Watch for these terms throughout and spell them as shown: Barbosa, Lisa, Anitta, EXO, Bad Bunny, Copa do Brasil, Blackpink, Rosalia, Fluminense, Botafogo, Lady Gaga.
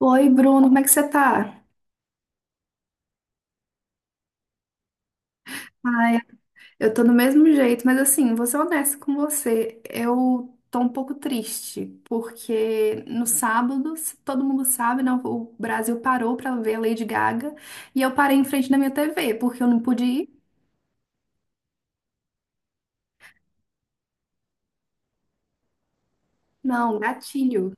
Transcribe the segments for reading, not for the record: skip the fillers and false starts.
Oi, Bruno, como é que você tá? Ai, eu tô do mesmo jeito, mas assim, vou ser honesta com você. Eu tô um pouco triste, porque no sábado, se todo mundo sabe, né, o Brasil parou pra ver a Lady Gaga e eu parei em frente da minha TV, porque eu não pude ir. Não, gatilho.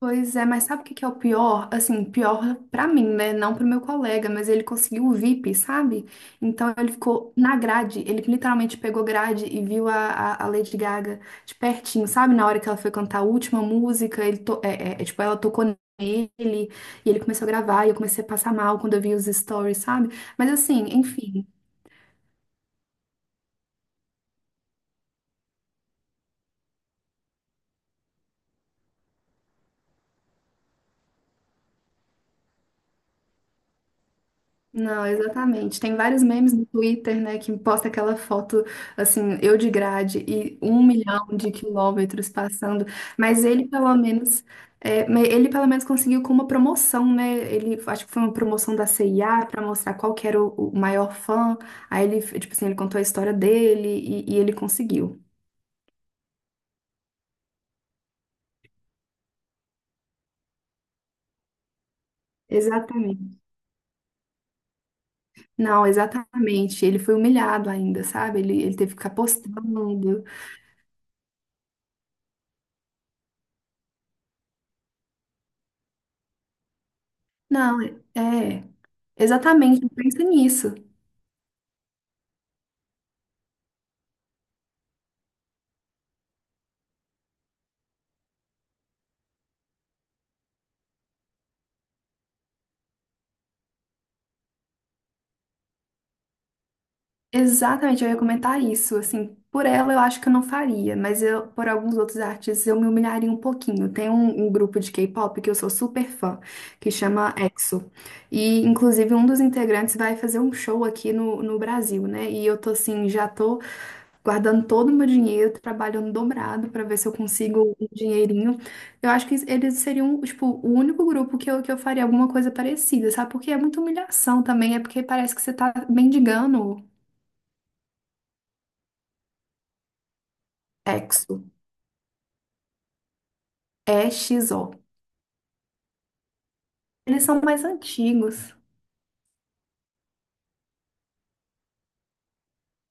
Pois é, mas sabe o que que é o pior? Assim, pior pra mim, né? Não pro meu colega, mas ele conseguiu o VIP, sabe? Então ele ficou na grade, ele literalmente pegou grade e viu a Lady Gaga de pertinho, sabe? Na hora que ela foi cantar a última música, tipo, ela tocou nele e ele começou a gravar e eu comecei a passar mal quando eu vi os stories, sabe? Mas assim, enfim, não, exatamente. Tem vários memes no Twitter, né, que posta aquela foto, assim, eu de grade e um milhão de quilômetros passando. Mas ele, pelo menos, ele pelo menos conseguiu com uma promoção, né? Ele, acho que foi uma promoção da CIA para mostrar qual que era o maior fã. Aí ele, tipo assim, ele contou a história dele e ele conseguiu. Exatamente. Não, exatamente. Ele foi humilhado ainda, sabe? Ele teve que ficar postando. Não, é. é, Exatamente, pensa nisso. Exatamente, eu ia comentar isso. Assim, por ela eu acho que eu não faria, mas eu, por alguns outros artistas eu me humilharia um pouquinho. Tem um grupo de K-pop que eu sou super fã, que chama EXO. E, inclusive, um dos integrantes vai fazer um show aqui no Brasil, né? E eu tô assim, já tô guardando todo o meu dinheiro, tô trabalhando dobrado pra ver se eu consigo um dinheirinho. Eu acho que eles seriam, tipo, o único grupo que eu faria alguma coisa parecida, sabe? Porque é muita humilhação também, é porque parece que você tá mendigando. EXO. E X O. Eles são mais antigos.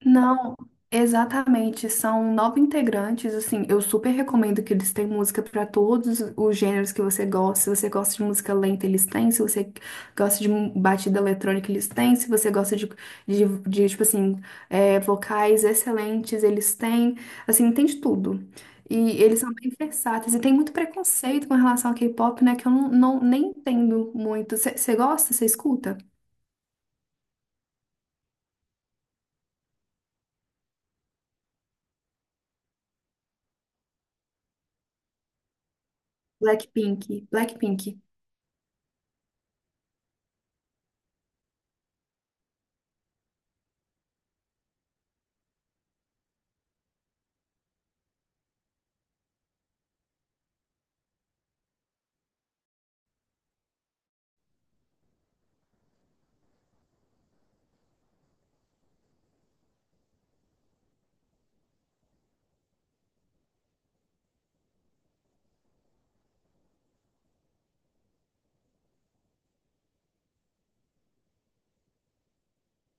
Não, exatamente. São 9 integrantes. Assim, eu super recomendo que eles têm música para todos os gêneros que você gosta. Se você gosta de música lenta, eles têm. Se você gosta de batida eletrônica, eles têm. Se você gosta de, vocais excelentes, eles têm. Assim, tem de tudo. E eles são bem versáteis. E tem muito preconceito com relação ao K-pop, né? Que eu não, não- nem entendo muito. Você gosta? Você escuta? Blackpink, Blackpink,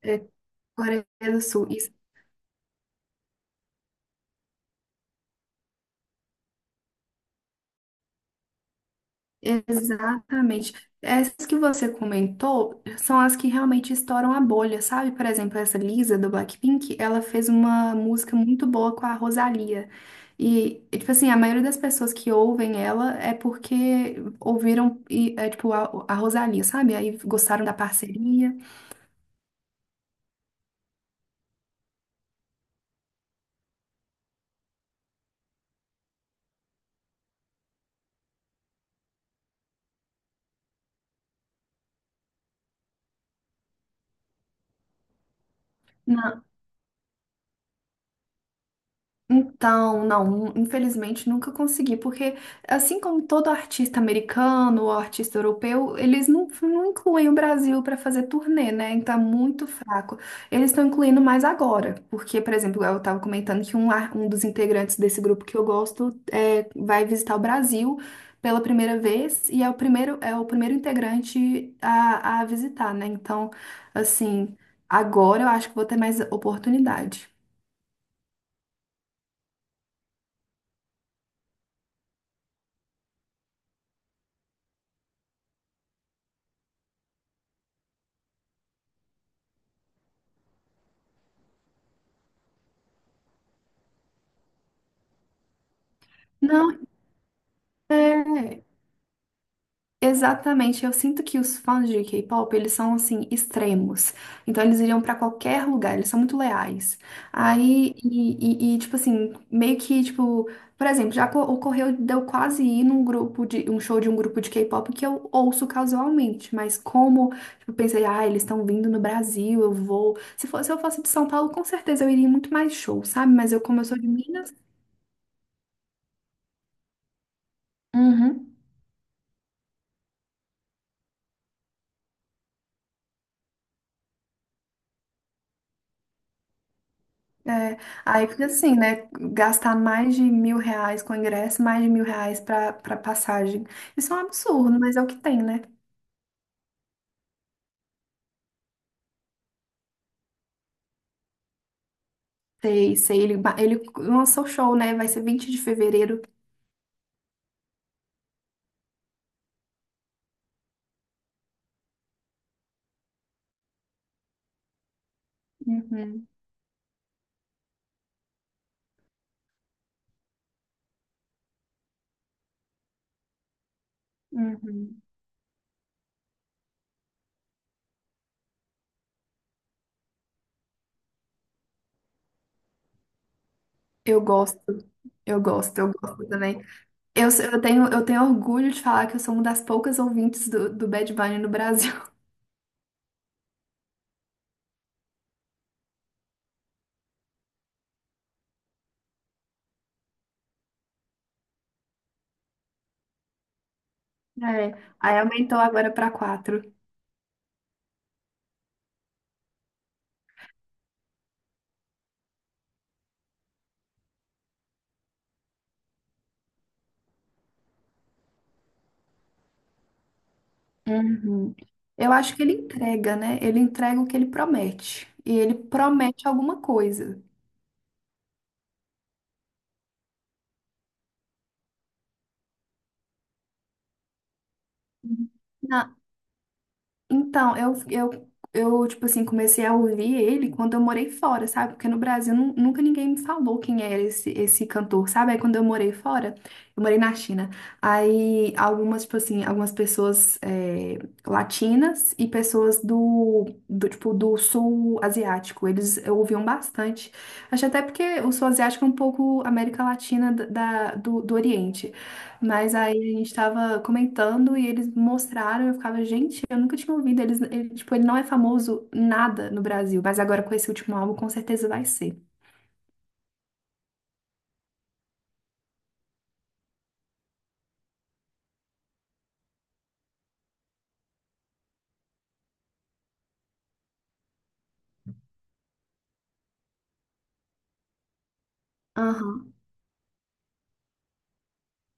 é, Coreia do Sul, isso, exatamente. Essas que você comentou são as que realmente estouram a bolha, sabe? Por exemplo, essa Lisa do Blackpink, ela fez uma música muito boa com a Rosalia. E, é, tipo assim, a maioria das pessoas que ouvem ela é porque ouviram, a Rosalia, sabe? Aí gostaram da parceria. Então, não, infelizmente nunca consegui, porque assim como todo artista americano ou artista europeu, eles não incluem o Brasil para fazer turnê, né? Então é muito fraco. Eles estão incluindo mais agora, porque, por exemplo, eu estava comentando que um dos integrantes desse grupo que eu gosto é, vai visitar o Brasil pela primeira vez e é o primeiro integrante a visitar, né? Então, assim, agora eu acho que vou ter mais oportunidade. Não. Exatamente, eu sinto que os fãs de K-pop, eles são assim extremos. Então eles iriam pra qualquer lugar, eles são muito leais. Aí e, tipo assim, meio que tipo, por exemplo, ocorreu de eu quase ir num grupo de um show de um grupo de K-pop que eu ouço casualmente, mas como tipo, eu pensei, ah, eles estão vindo no Brasil, eu vou. Se fosse, se eu fosse de São Paulo, com certeza eu iria em muito mais show, sabe? Mas eu como eu sou de Minas, uhum. É, aí fica assim, né? Gastar mais de R$ 1.000 com ingresso, mais de R$ 1.000 pra, pra passagem. Isso é um absurdo, mas é o que tem, né? Sei, sei, ele, ele lançou o show, né? Vai ser 20 de fevereiro. Uhum, uhum. Eu gosto, eu gosto também. Eu, eu tenho orgulho de falar que eu sou uma das poucas ouvintes do Bad Bunny no Brasil. É, aí aumentou agora pra quatro. Uhum. Eu acho que ele entrega, né? Ele entrega o que ele promete. E ele promete alguma coisa. Uhum. Na- Então, eu, tipo assim, comecei a ouvir ele quando eu morei fora, sabe? Porque no Brasil nunca ninguém me falou quem era esse cantor, sabe? Aí quando eu morei fora, eu morei na China. Aí algumas, tipo assim, algumas pessoas é, latinas e pessoas do sul asiático, eles ouviam bastante. Acho até porque o sul asiático é um pouco América Latina do Oriente. Mas aí a gente tava comentando e eles mostraram, eu ficava, gente, eu nunca tinha ouvido. Eles, ele, tipo, ele não é famoso nada no Brasil, mas agora com esse último álbum com certeza vai ser. Aham.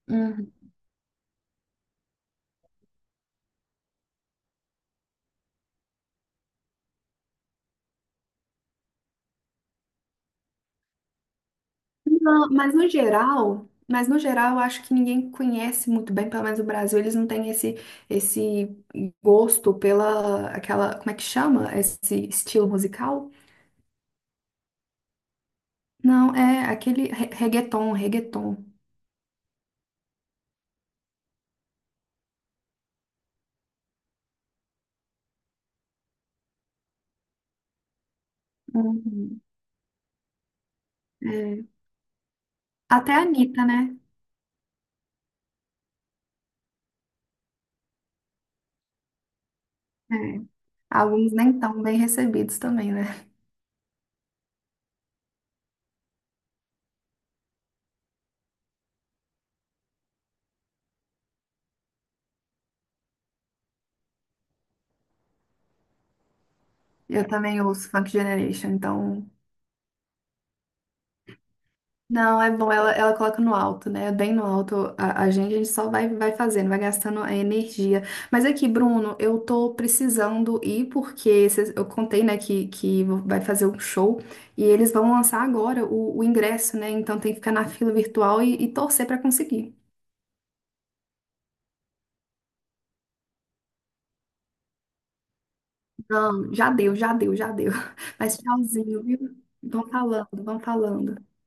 Uhum. Não, mas no geral, eu acho que ninguém conhece muito bem, pelo menos o Brasil, eles não têm esse gosto pela aquela, como é que chama? Esse estilo musical? Não, é aquele reggaeton, reggaeton. Uhum. É. Até a Anitta, né? É. Alguns nem tão bem recebidos também, né? Eu também ouço Funk Generation, então não, é bom, ela coloca no alto, né? Bem no alto a gente só vai, vai fazendo, vai gastando a energia. Mas aqui, Bruno, eu tô precisando ir porque eu contei, né, que vai fazer um show e eles vão lançar agora o ingresso, né? Então tem que ficar na fila virtual e torcer pra conseguir. Já deu, já deu, já deu. Mas tchauzinho, viu? Vão falando, vão falando.